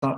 Ờ,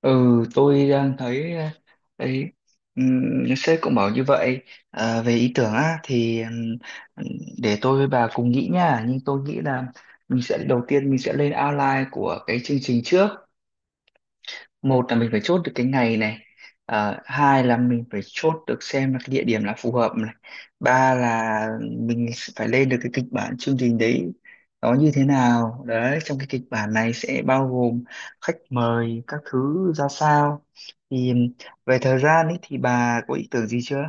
Ừ, tôi đang thấy ờ, ấy sếp cũng bảo như vậy. Về ý tưởng á thì để tôi với bà cùng nghĩ nha, nhưng tôi nghĩ là mình sẽ đầu tiên mình sẽ lên outline của cái chương trình trước. Một là mình phải chốt được cái ngày này, hai là mình phải chốt được xem là cái địa điểm là phù hợp này, ba là mình phải lên được cái kịch bản chương trình đấy nó như thế nào, đấy trong cái kịch bản này sẽ bao gồm khách mời các thứ ra sao. Thì về thời gian ấy thì bà có ý tưởng gì chưa?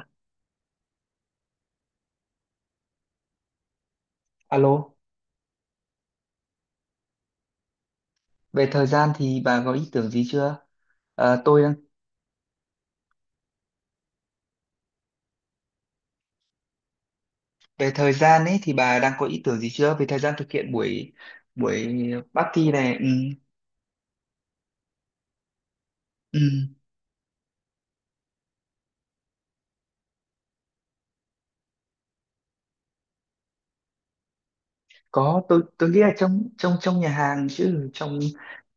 Alo, về thời gian thì bà có ý tưởng gì chưa? Ờ, tôi đang về thời gian ấy thì bà đang có ý tưởng gì chưa về thời gian thực hiện buổi buổi party này. Ừ. Ừ, có, tôi nghĩ là trong trong trong nhà hàng chứ trong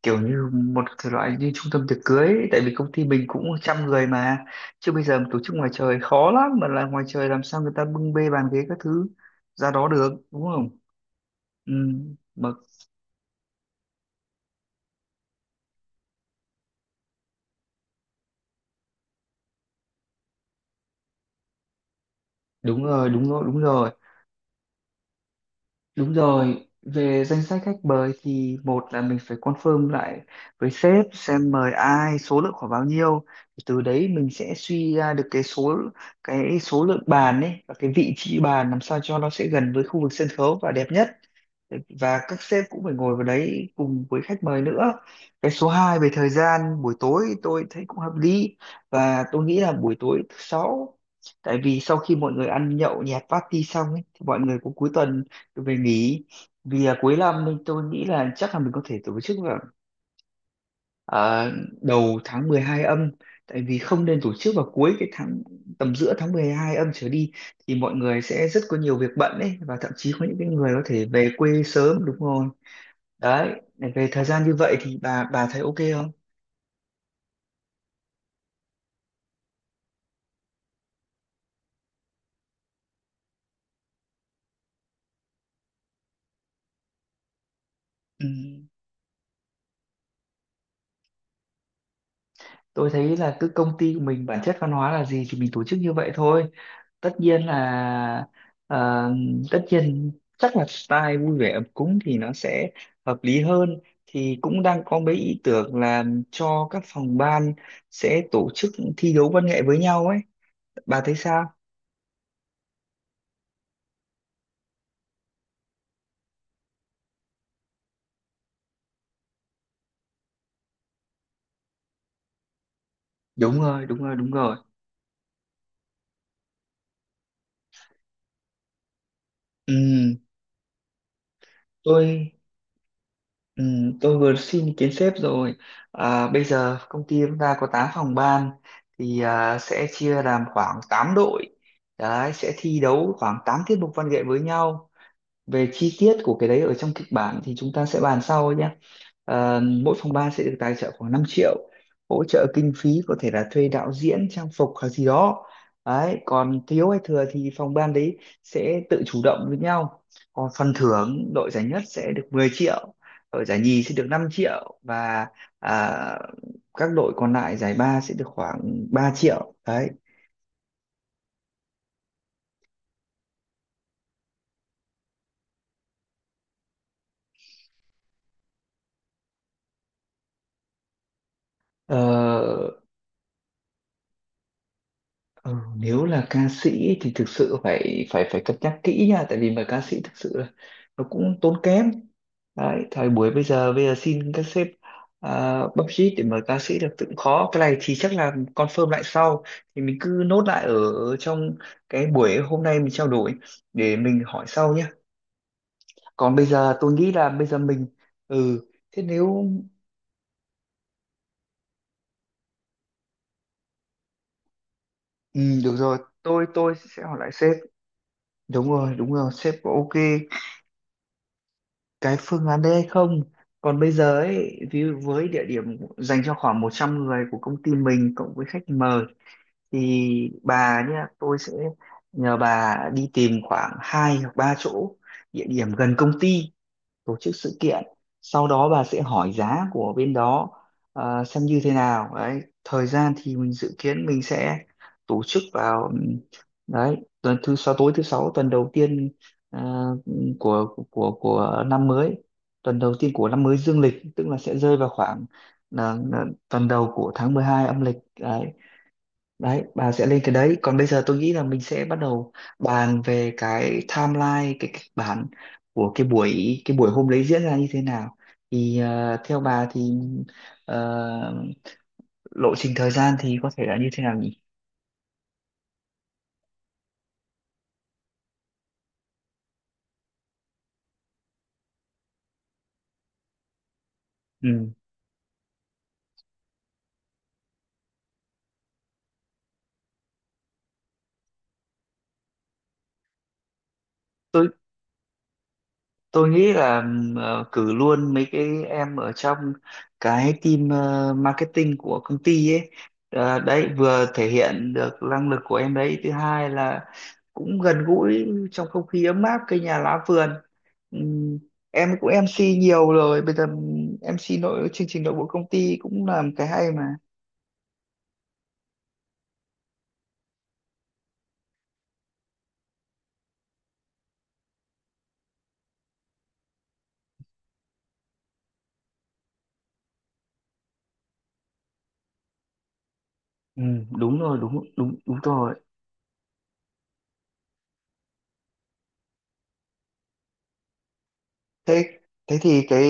kiểu như một cái loại như trung tâm tiệc cưới ấy, tại vì công ty mình cũng trăm người mà, chứ bây giờ mà tổ chức ngoài trời khó lắm, mà là ngoài trời làm sao người ta bưng bê bàn ghế các thứ ra đó được, đúng không? Ừ, mà đúng rồi, đúng rồi, đúng rồi. Đúng rồi, về danh sách khách mời thì một là mình phải confirm lại với sếp xem mời ai, số lượng khoảng bao nhiêu. Từ đấy mình sẽ suy ra được cái số lượng bàn ấy và cái vị trí bàn làm sao cho nó sẽ gần với khu vực sân khấu và đẹp nhất, và các sếp cũng phải ngồi vào đấy cùng với khách mời nữa. Cái số hai, về thời gian buổi tối tôi thấy cũng hợp lý, và tôi nghĩ là buổi tối thứ sáu, tại vì sau khi mọi người ăn nhậu nhẹt party xong ấy, thì mọi người cũng cuối tuần về nghỉ. Vì là cuối năm nên tôi nghĩ là chắc là mình có thể tổ chức vào ờ, đầu tháng 12 âm, tại vì không nên tổ chức vào cuối cái tháng, tầm giữa tháng 12 âm trở đi thì mọi người sẽ rất có nhiều việc bận ấy, và thậm chí có những cái người có thể về quê sớm, đúng rồi. Đấy, để về thời gian như vậy thì bà thấy ok không? Ừ. Tôi thấy là cứ công ty của mình bản chất văn hóa là gì thì mình tổ chức như vậy thôi. Tất nhiên là ờ, tất nhiên chắc là style vui vẻ ấm cúng thì nó sẽ hợp lý hơn. Thì cũng đang có mấy ý tưởng là cho các phòng ban sẽ tổ chức thi đấu văn nghệ với nhau ấy, bà thấy sao? Đúng rồi, đúng rồi, đúng rồi. ừ, tôi Ừ, tôi vừa xin ý kiến sếp rồi. À, bây giờ công ty chúng ta có 8 phòng ban thì sẽ chia làm khoảng 8 đội. Đấy, sẽ thi đấu khoảng 8 tiết mục văn nghệ với nhau. Về chi tiết của cái đấy ở trong kịch bản thì chúng ta sẽ bàn sau nhé. Ờ, mỗi phòng ban sẽ được tài trợ khoảng 5 triệu hỗ trợ kinh phí, có thể là thuê đạo diễn, trang phục hoặc gì đó. Đấy, còn thiếu hay thừa thì phòng ban đấy sẽ tự chủ động với nhau. Còn phần thưởng, đội giải nhất sẽ được 10 triệu, đội giải nhì sẽ được 5 triệu, và à, các đội còn lại giải ba sẽ được khoảng 3 triệu đấy. Ờ, Ừ, nếu là ca sĩ thì thực sự phải phải phải cân nhắc kỹ nha, tại vì mà ca sĩ thực sự là nó cũng tốn kém đấy. Thời buổi bây giờ, xin các sếp budget để mời ca sĩ được cũng khó, cái này thì chắc là confirm lại sau. Thì mình cứ nốt lại ở trong cái buổi hôm nay mình trao đổi, để mình hỏi sau nhé. Còn bây giờ tôi nghĩ là bây giờ mình ừ thế nếu ừ, được rồi, tôi sẽ hỏi lại sếp. Đúng rồi, đúng rồi, sếp có ok cái phương án đấy hay không. Còn bây giờ ấy, ví dụ với địa điểm dành cho khoảng 100 người của công ty mình cộng với khách mời, thì bà nhá, tôi sẽ nhờ bà đi tìm khoảng hai hoặc ba chỗ địa điểm gần công ty tổ chức sự kiện, sau đó bà sẽ hỏi giá của bên đó, xem như thế nào. Đấy, thời gian thì mình dự kiến mình sẽ tổ chức vào đấy tuần thứ sáu, tối thứ sáu tuần đầu tiên ờ, của năm mới, tuần đầu tiên của năm mới dương lịch, tức là sẽ rơi vào khoảng là tuần đầu của tháng 12 âm lịch đấy. Đấy, bà sẽ lên cái đấy, còn bây giờ tôi nghĩ là mình sẽ bắt đầu bàn về cái timeline, cái kịch bản của cái buổi hôm đấy diễn ra như thế nào. Thì ờ, theo bà thì ờ, lộ trình thời gian thì có thể là như thế nào nhỉ? Ừ. tôi tôi nghĩ là cử luôn mấy cái em ở trong cái team marketing của công ty ấy. Ờ, đấy vừa thể hiện được năng lực của em, đấy thứ hai là cũng gần gũi trong không khí ấm áp cây nhà lá vườn. Ừ. Em cũng MC nhiều rồi, bây giờ MC nội chương trình nội bộ công ty cũng làm cái hay mà. Ừ, đúng rồi, đúng đúng đúng rồi. Thế thế thì cái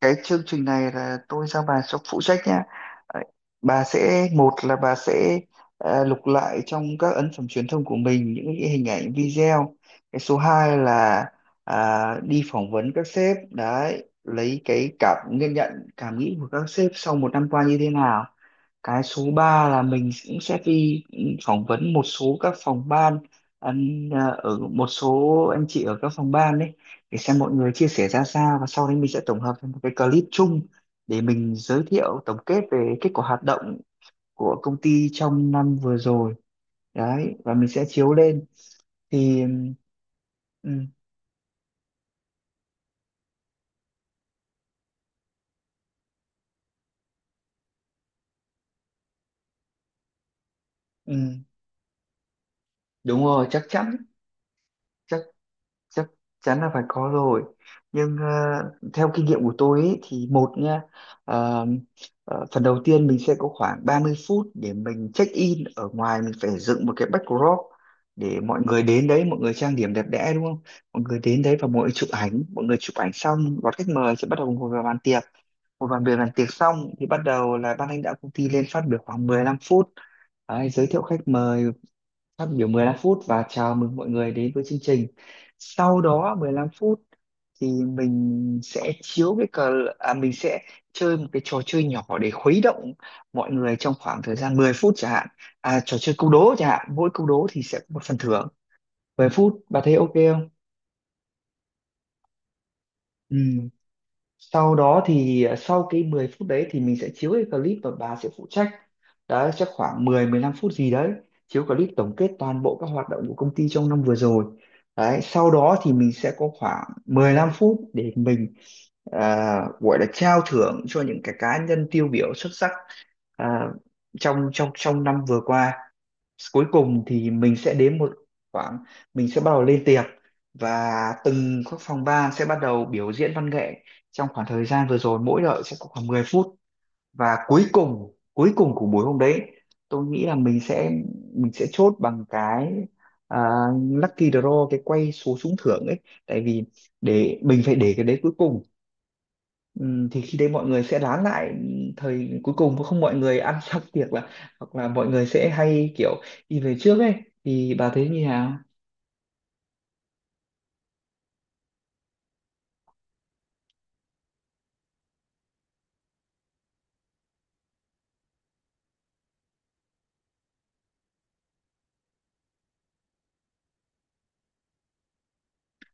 cái chương trình này là tôi giao bà cho phụ trách nhá. Đấy, bà sẽ một là bà sẽ lục lại trong các ấn phẩm truyền thông của mình những cái hình ảnh video. Cái số 2 là đi phỏng vấn các sếp đấy, lấy cái cảm nhận nhận cảm nghĩ của các sếp sau một năm qua như thế nào. Cái số 3 là mình cũng sẽ đi phỏng vấn một số các phòng ban, ăn, ở một số anh chị ở các phòng ban đấy, để xem mọi người chia sẻ ra sao, và sau đấy mình sẽ tổng hợp thành một cái clip chung để mình giới thiệu tổng kết về kết quả hoạt động của công ty trong năm vừa rồi. Đấy, và mình sẽ chiếu lên. Thì ừ, ừ, đúng rồi, chắc chắn, chắc chắn là phải có rồi. Nhưng ờ, theo kinh nghiệm của tôi ấy, thì một nha, ờ, phần đầu tiên mình sẽ có khoảng 30 phút để mình check in ở ngoài, mình phải dựng một cái backdrop để mọi người đến đấy, mọi người trang điểm đẹp đẽ đúng không, mọi người đến đấy và mọi người chụp ảnh, mọi người chụp ảnh xong đón khách mời sẽ bắt đầu ngồi vào bàn tiệc. Ngồi vào bàn tiệc xong thì bắt đầu là ban lãnh đạo công ty lên phát biểu khoảng 15 phút. Đấy, giới thiệu khách mời, phát biểu 15 phút và chào mừng mọi người đến với chương trình. Sau đó 15 phút thì mình sẽ chiếu cái cờ, mình sẽ chơi một cái trò chơi nhỏ để khuấy động mọi người trong khoảng thời gian 10 phút chẳng hạn. À, trò chơi câu đố chẳng hạn, mỗi câu đố thì sẽ có một phần thưởng. 10 phút, bà thấy ok không? Ừ. Sau đó thì sau cái 10 phút đấy thì mình sẽ chiếu cái clip và bà sẽ phụ trách. Đấy, chắc khoảng 10 15 phút gì đấy, chiếu clip tổng kết toàn bộ các hoạt động của công ty trong năm vừa rồi. Đấy, sau đó thì mình sẽ có khoảng 15 phút để mình gọi là trao thưởng cho những cái cá nhân tiêu biểu xuất sắc à, trong trong trong năm vừa qua. Cuối cùng thì mình sẽ đến một khoảng, mình sẽ bắt đầu lên tiệc, và từng các phòng ban sẽ bắt đầu biểu diễn văn nghệ trong khoảng thời gian vừa rồi, mỗi đội sẽ có khoảng 10 phút. Và cuối cùng của buổi hôm đấy, tôi nghĩ là mình sẽ chốt bằng cái à, lucky draw, cái quay số trúng thưởng ấy, tại vì để mình phải để cái đấy cuối cùng. Thì khi đấy mọi người sẽ lán lại, thời cuối cùng không mọi người ăn xong tiệc là hoặc là mọi người sẽ hay kiểu đi về trước ấy. Thì bà thấy như nào?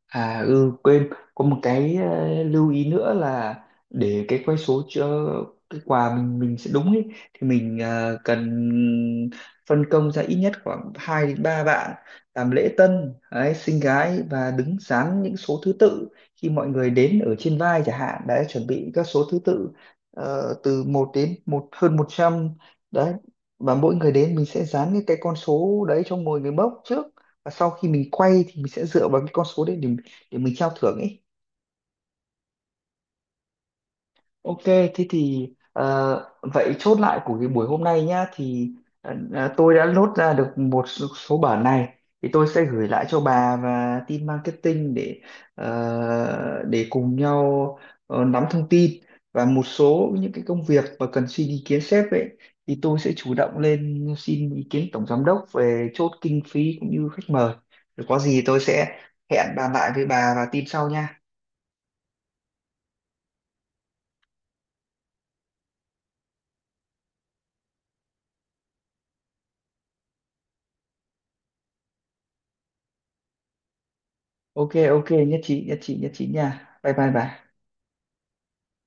À ừ quên, có một cái lưu ý nữa là để cái quay số cho cái quà mình sẽ đúng ấy, thì mình cần phân công ra ít nhất khoảng 2 đến 3 bạn làm lễ tân đấy, xinh gái và đứng dán những số thứ tự khi mọi người đến, ở trên vai chẳng hạn. Đấy, chuẩn bị các số thứ tự từ một đến hơn 100 đấy, và mỗi người đến mình sẽ dán những cái con số đấy cho mỗi người mốc trước, và sau khi mình quay thì mình sẽ dựa vào cái con số đấy để mình trao thưởng ấy. Ok, thế thì ờ, vậy chốt lại của cái buổi hôm nay nhá, thì tôi đã lốt ra được một số, số bản này, thì tôi sẽ gửi lại cho bà và team marketing để để cùng nhau nắm thông tin, và một số những cái công việc mà cần xin ý kiến sếp ấy thì tôi sẽ chủ động lên xin ý kiến tổng giám đốc về chốt kinh phí cũng như khách mời, rồi có gì tôi sẽ hẹn bàn lại với bà và team sau nha. Ok, ok, nhất trí, nhất trí nha, bye bye bà.